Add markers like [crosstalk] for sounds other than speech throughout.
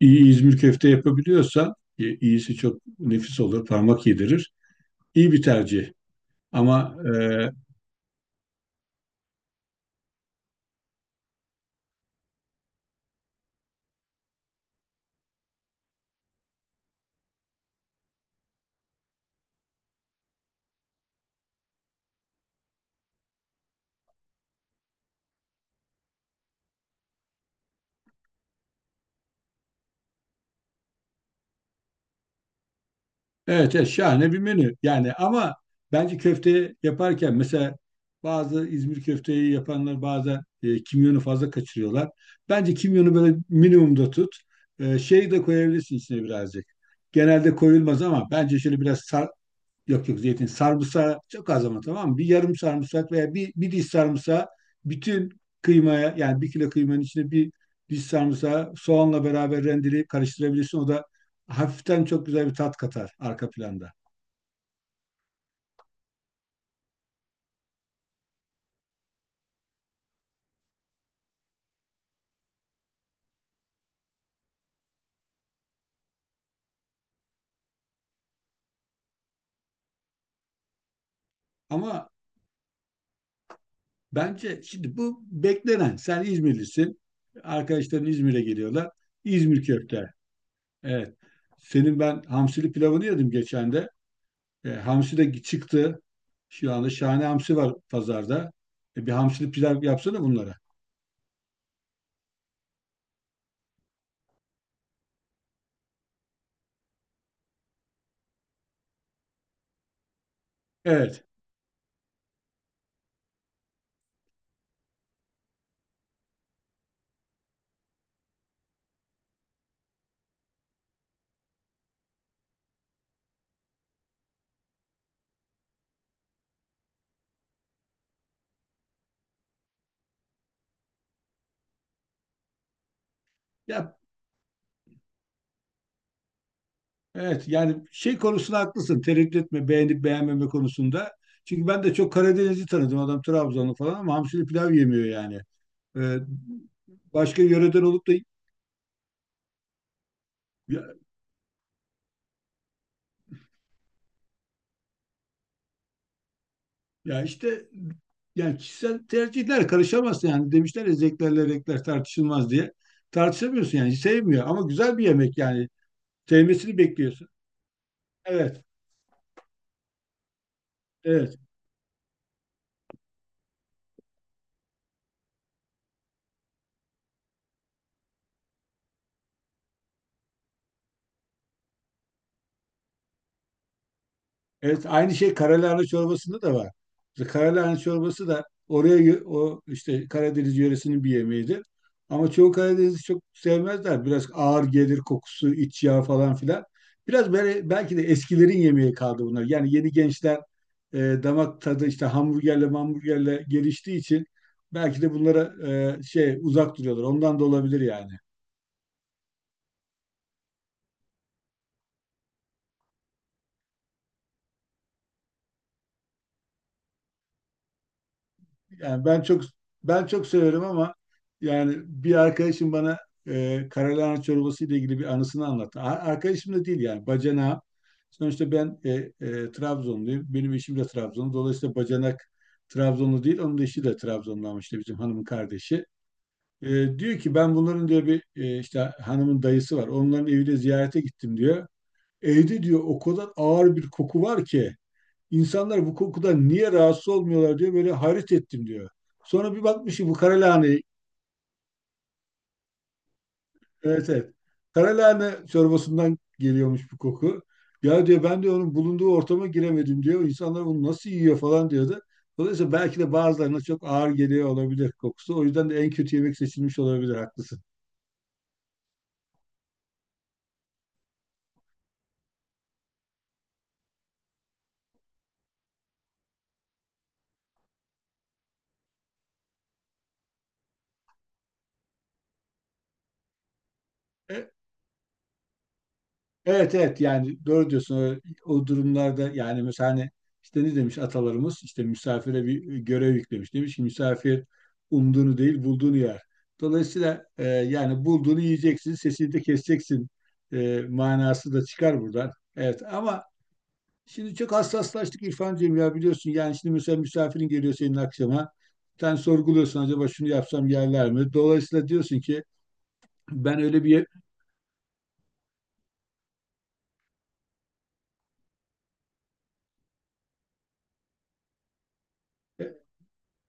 İyi İzmir köfte yapabiliyorsan iyisi çok nefis olur, parmak yedirir. İyi bir tercih. Ama e, evet, evet, şahane bir menü. Yani ama bence köfte yaparken mesela bazı İzmir köfteyi yapanlar bazen kimyonu fazla kaçırıyorlar. Bence kimyonu böyle minimumda tut. Şey de koyabilirsin içine birazcık. Genelde koyulmaz ama bence şöyle biraz sar. Yok yok, zeytin. Sarımsağı çok az, ama tamam mı? Bir yarım sarımsak veya bir diş sarımsağı, bütün kıymaya, yani 1 kilo kıymanın içine bir diş sarımsağı soğanla beraber rendeleyip karıştırabilirsin. O da hafiften çok güzel bir tat katar arka planda. Ama Bence şimdi bu beklenen. Sen İzmirlisin. Arkadaşların İzmir'e geliyorlar. İzmir köfte. Evet. Senin ben hamsili pilavını yedim geçen de. Hamsi de çıktı. Şu anda şahane hamsi var pazarda. Bir hamsili pilav yapsana bunlara. Evet. Yap. Evet. Yani şey konusunda haklısın. Tereddüt etme beğenip beğenmeme konusunda. Çünkü ben de çok Karadeniz'i tanıdım. Adam Trabzonlu falan ama hamsili pilav yemiyor yani. E, Başka yöreden olup da, ya işte, yani kişisel tercihler, karışamazsın yani. Demişler ya, zevklerle renkler tartışılmaz diye. Tartışamıyorsun yani, sevmiyor ama güzel bir yemek yani. Sevmesini bekliyorsun. Evet, evet. Evet, aynı şey karalahana çorbasında da var. İşte karalahana çorbası da oraya, o işte Karadeniz yöresinin bir yemeğidir. Ama çoğu Karadeniz'i çok sevmezler. Biraz ağır gelir kokusu, iç yağ falan filan. Biraz böyle belki de eskilerin yemeği kaldı bunlar. Yani yeni gençler e, damak tadı işte hamburgerle geliştiği için belki de bunlara şey, uzak duruyorlar. Ondan da olabilir yani. Yani ben çok severim ama yani bir arkadaşım bana karalahana çorbası ile ilgili bir anısını anlattı. Arkadaşım da değil yani, bacanağı. Sonuçta ben Trabzonluyum. Benim eşim de Trabzonlu. Dolayısıyla bacanak Trabzonlu değil. Onun da eşi de Trabzonlu, ama işte bizim hanımın kardeşi. Diyor ki, ben bunların diyor, bir işte hanımın dayısı var. Onların evine ziyarete gittim diyor. Evde diyor o kadar ağır bir koku var ki, İnsanlar bu kokudan niye rahatsız olmuyorlar diyor. Böyle hayret ettim diyor. Sonra bir bakmış ki bu karalahane. Evet, evet. Karalahane çorbasından geliyormuş bu koku. Ya diyor, ben diyor onun bulunduğu ortama giremedim diyor. İnsanlar bunu nasıl yiyor falan diyordu. Dolayısıyla belki de bazılarına çok ağır geliyor olabilir kokusu. O yüzden de en kötü yemek seçilmiş olabilir, haklısın. E, Evet, evet, yani doğru diyorsun o durumlarda. Yani mesela hani işte ne demiş atalarımız, işte misafire bir görev yüklemiş, demiş ki misafir umduğunu değil bulduğunu yer. Dolayısıyla yani bulduğunu yiyeceksin, sesini de keseceksin manası da çıkar buradan. Evet ama şimdi çok hassaslaştık İrfancığım, ya biliyorsun. Yani şimdi mesela misafirin geliyor senin akşama, sen sorguluyorsun, acaba şunu yapsam yerler mi? Dolayısıyla diyorsun ki, ben öyle bir.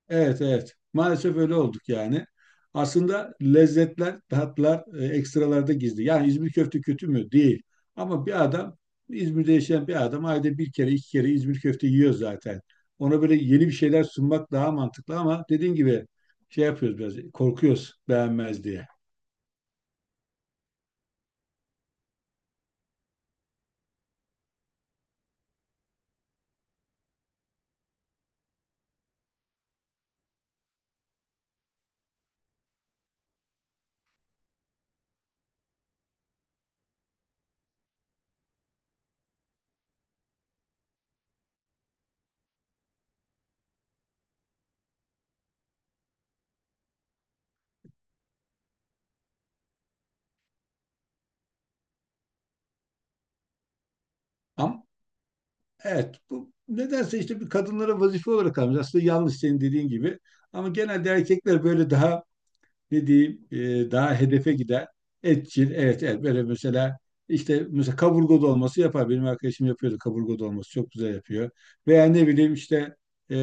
Evet, evet. Maalesef öyle olduk yani. Aslında lezzetler, tatlar ekstralarda gizli. Yani İzmir köfte kötü mü? Değil. Ama bir adam, İzmir'de yaşayan bir adam ayda bir kere, iki kere İzmir köfte yiyor zaten. Ona böyle yeni bir şeyler sunmak daha mantıklı, ama dediğin gibi şey yapıyoruz biraz, korkuyoruz beğenmez diye. Ama evet, bu nedense işte bir kadınlara vazife olarak almış. Aslında yanlış, senin dediğin gibi. Ama genelde erkekler böyle daha ne diyeyim, daha hedefe giden. Etçil, evet, evet, böyle mesela işte mesela kaburga dolması yapar. Benim arkadaşım yapıyordu kaburga dolması, çok güzel yapıyor. Veya ne bileyim işte, e,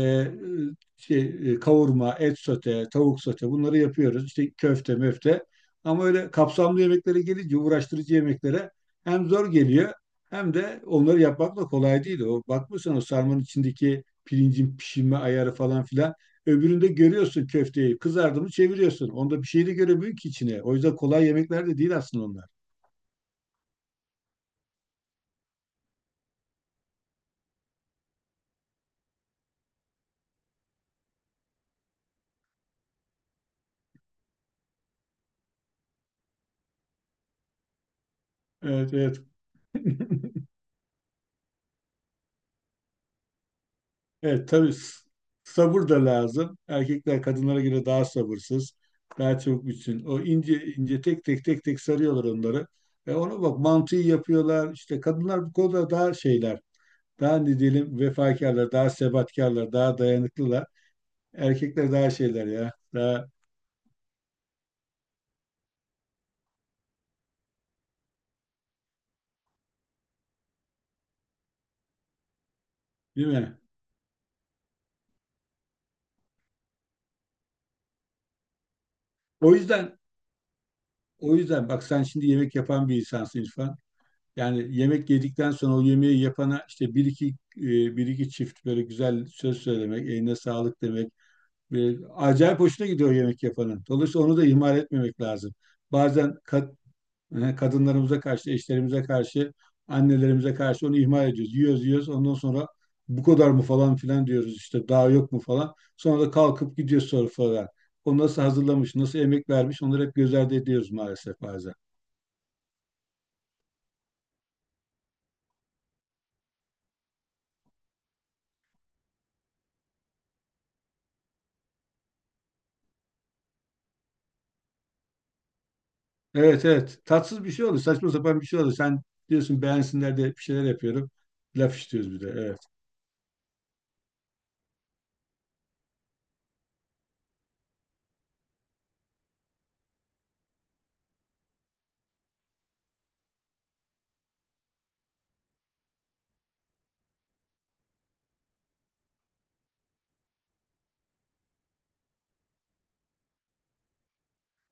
şey, kavurma, et sote, tavuk sote, bunları yapıyoruz. İşte köfte, möfte. Ama öyle kapsamlı yemeklere gelince, uğraştırıcı yemeklere, hem zor geliyor hem de onları yapmak da kolay değil. O bakmışsın o sarmanın içindeki pirincin pişirme ayarı falan filan. Öbüründe görüyorsun köfteyi. Kızardı mı çeviriyorsun. Onda bir şey de göremiyor ki içine. O yüzden kolay yemekler de değil aslında onlar. Evet, evet. [laughs] Evet, tabii, sabır da lazım. Erkekler kadınlara göre daha sabırsız. Daha çabuk bitsin. O ince ince tek tek tek tek sarıyorlar onları. E ona bak, mantıyı yapıyorlar. İşte kadınlar bu konuda daha şeyler. Daha ne diyelim, vefakarlar, daha sebatkarlar, daha dayanıklılar. Erkekler daha şeyler ya. Daha, değil mi? O yüzden O yüzden bak, sen şimdi yemek yapan bir insansın İrfan. Yani yemek yedikten sonra o yemeği yapana işte e, bir iki çift böyle güzel söz söylemek, eline sağlık demek ve acayip hoşuna gidiyor yemek yapanın. Dolayısıyla onu da ihmal etmemek lazım. Bazen kadınlarımıza karşı, eşlerimize karşı, annelerimize karşı onu ihmal ediyoruz. Yiyoruz, yiyoruz. Ondan sonra, bu kadar mı falan filan diyoruz, işte daha yok mu falan. Sonra da kalkıp gidiyoruz sonra falan. O nasıl hazırlamış, nasıl emek vermiş, onları hep göz ardı ediyoruz maalesef bazen. Evet, evet. Tatsız bir şey olur. Saçma sapan bir şey olur. Sen diyorsun beğensinler de, bir şeyler yapıyorum. Laf istiyoruz bir de. Evet.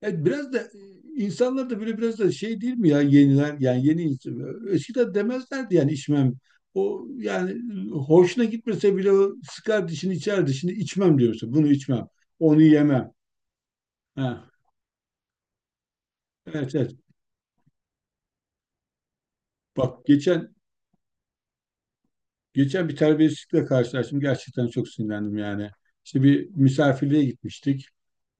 Evet biraz da insanlar da böyle biraz da şey, değil mi? Ya yeniler, yani eskiden demezlerdi yani içmem. O yani hoşuna gitmese bile o sıkar dişini içer, dişini içmem diyorsun. Bunu içmem. Onu yemem. Ha. Evet, evet. Bak geçen bir terbiyesizlikle karşılaştım. Gerçekten çok sinirlendim yani. İşte bir misafirliğe gitmiştik.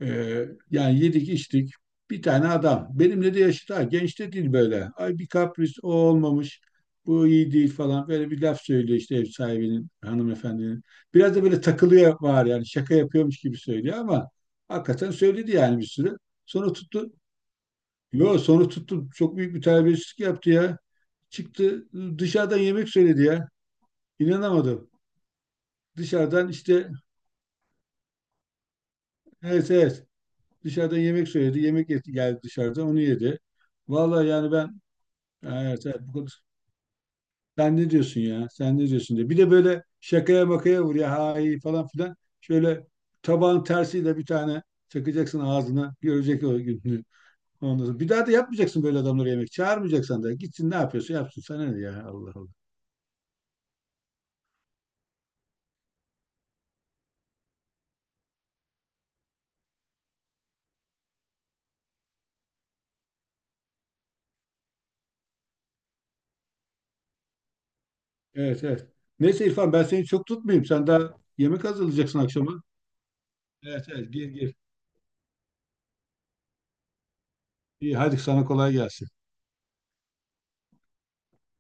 Ee, Yani yedik içtik. Bir tane adam. Benimle de yaşıt ha. Genç de değil böyle. Ay bir kapris, o olmamış. Bu iyi değil falan. Böyle bir laf söylüyor işte ev sahibinin, hanımefendinin. Biraz da böyle takılıyor var yani. Şaka yapıyormuş gibi söylüyor ama hakikaten söyledi yani, bir sürü. Sonra tuttu. Yo, sonra tuttu. Çok büyük bir terbiyesizlik yaptı ya. Çıktı dışarıdan yemek söyledi ya. İnanamadım. Dışarıdan işte, evet, evet. Dışarıdan yemek söyledi. Geldi dışarıdan, onu yedi. Vallahi yani ben, evet, evet, bu kadar. Sen ne diyorsun ya? Sen ne diyorsun diye. Bir de böyle şakaya makaya vur, ya ha iyi falan filan. Şöyle tabağın tersiyle bir tane çakacaksın ağzına. Görecek o gününü. Ondan sonra bir daha da yapmayacaksın böyle adamlara yemek. Çağırmayacaksan da gitsin ne yapıyorsa yapsın. Sana ne ya, Allah Allah. Evet, evet. Neyse İrfan, ben seni çok tutmayayım. Sen daha yemek hazırlayacaksın akşama. Evet, evet, gir gir. İyi, hadi sana kolay gelsin.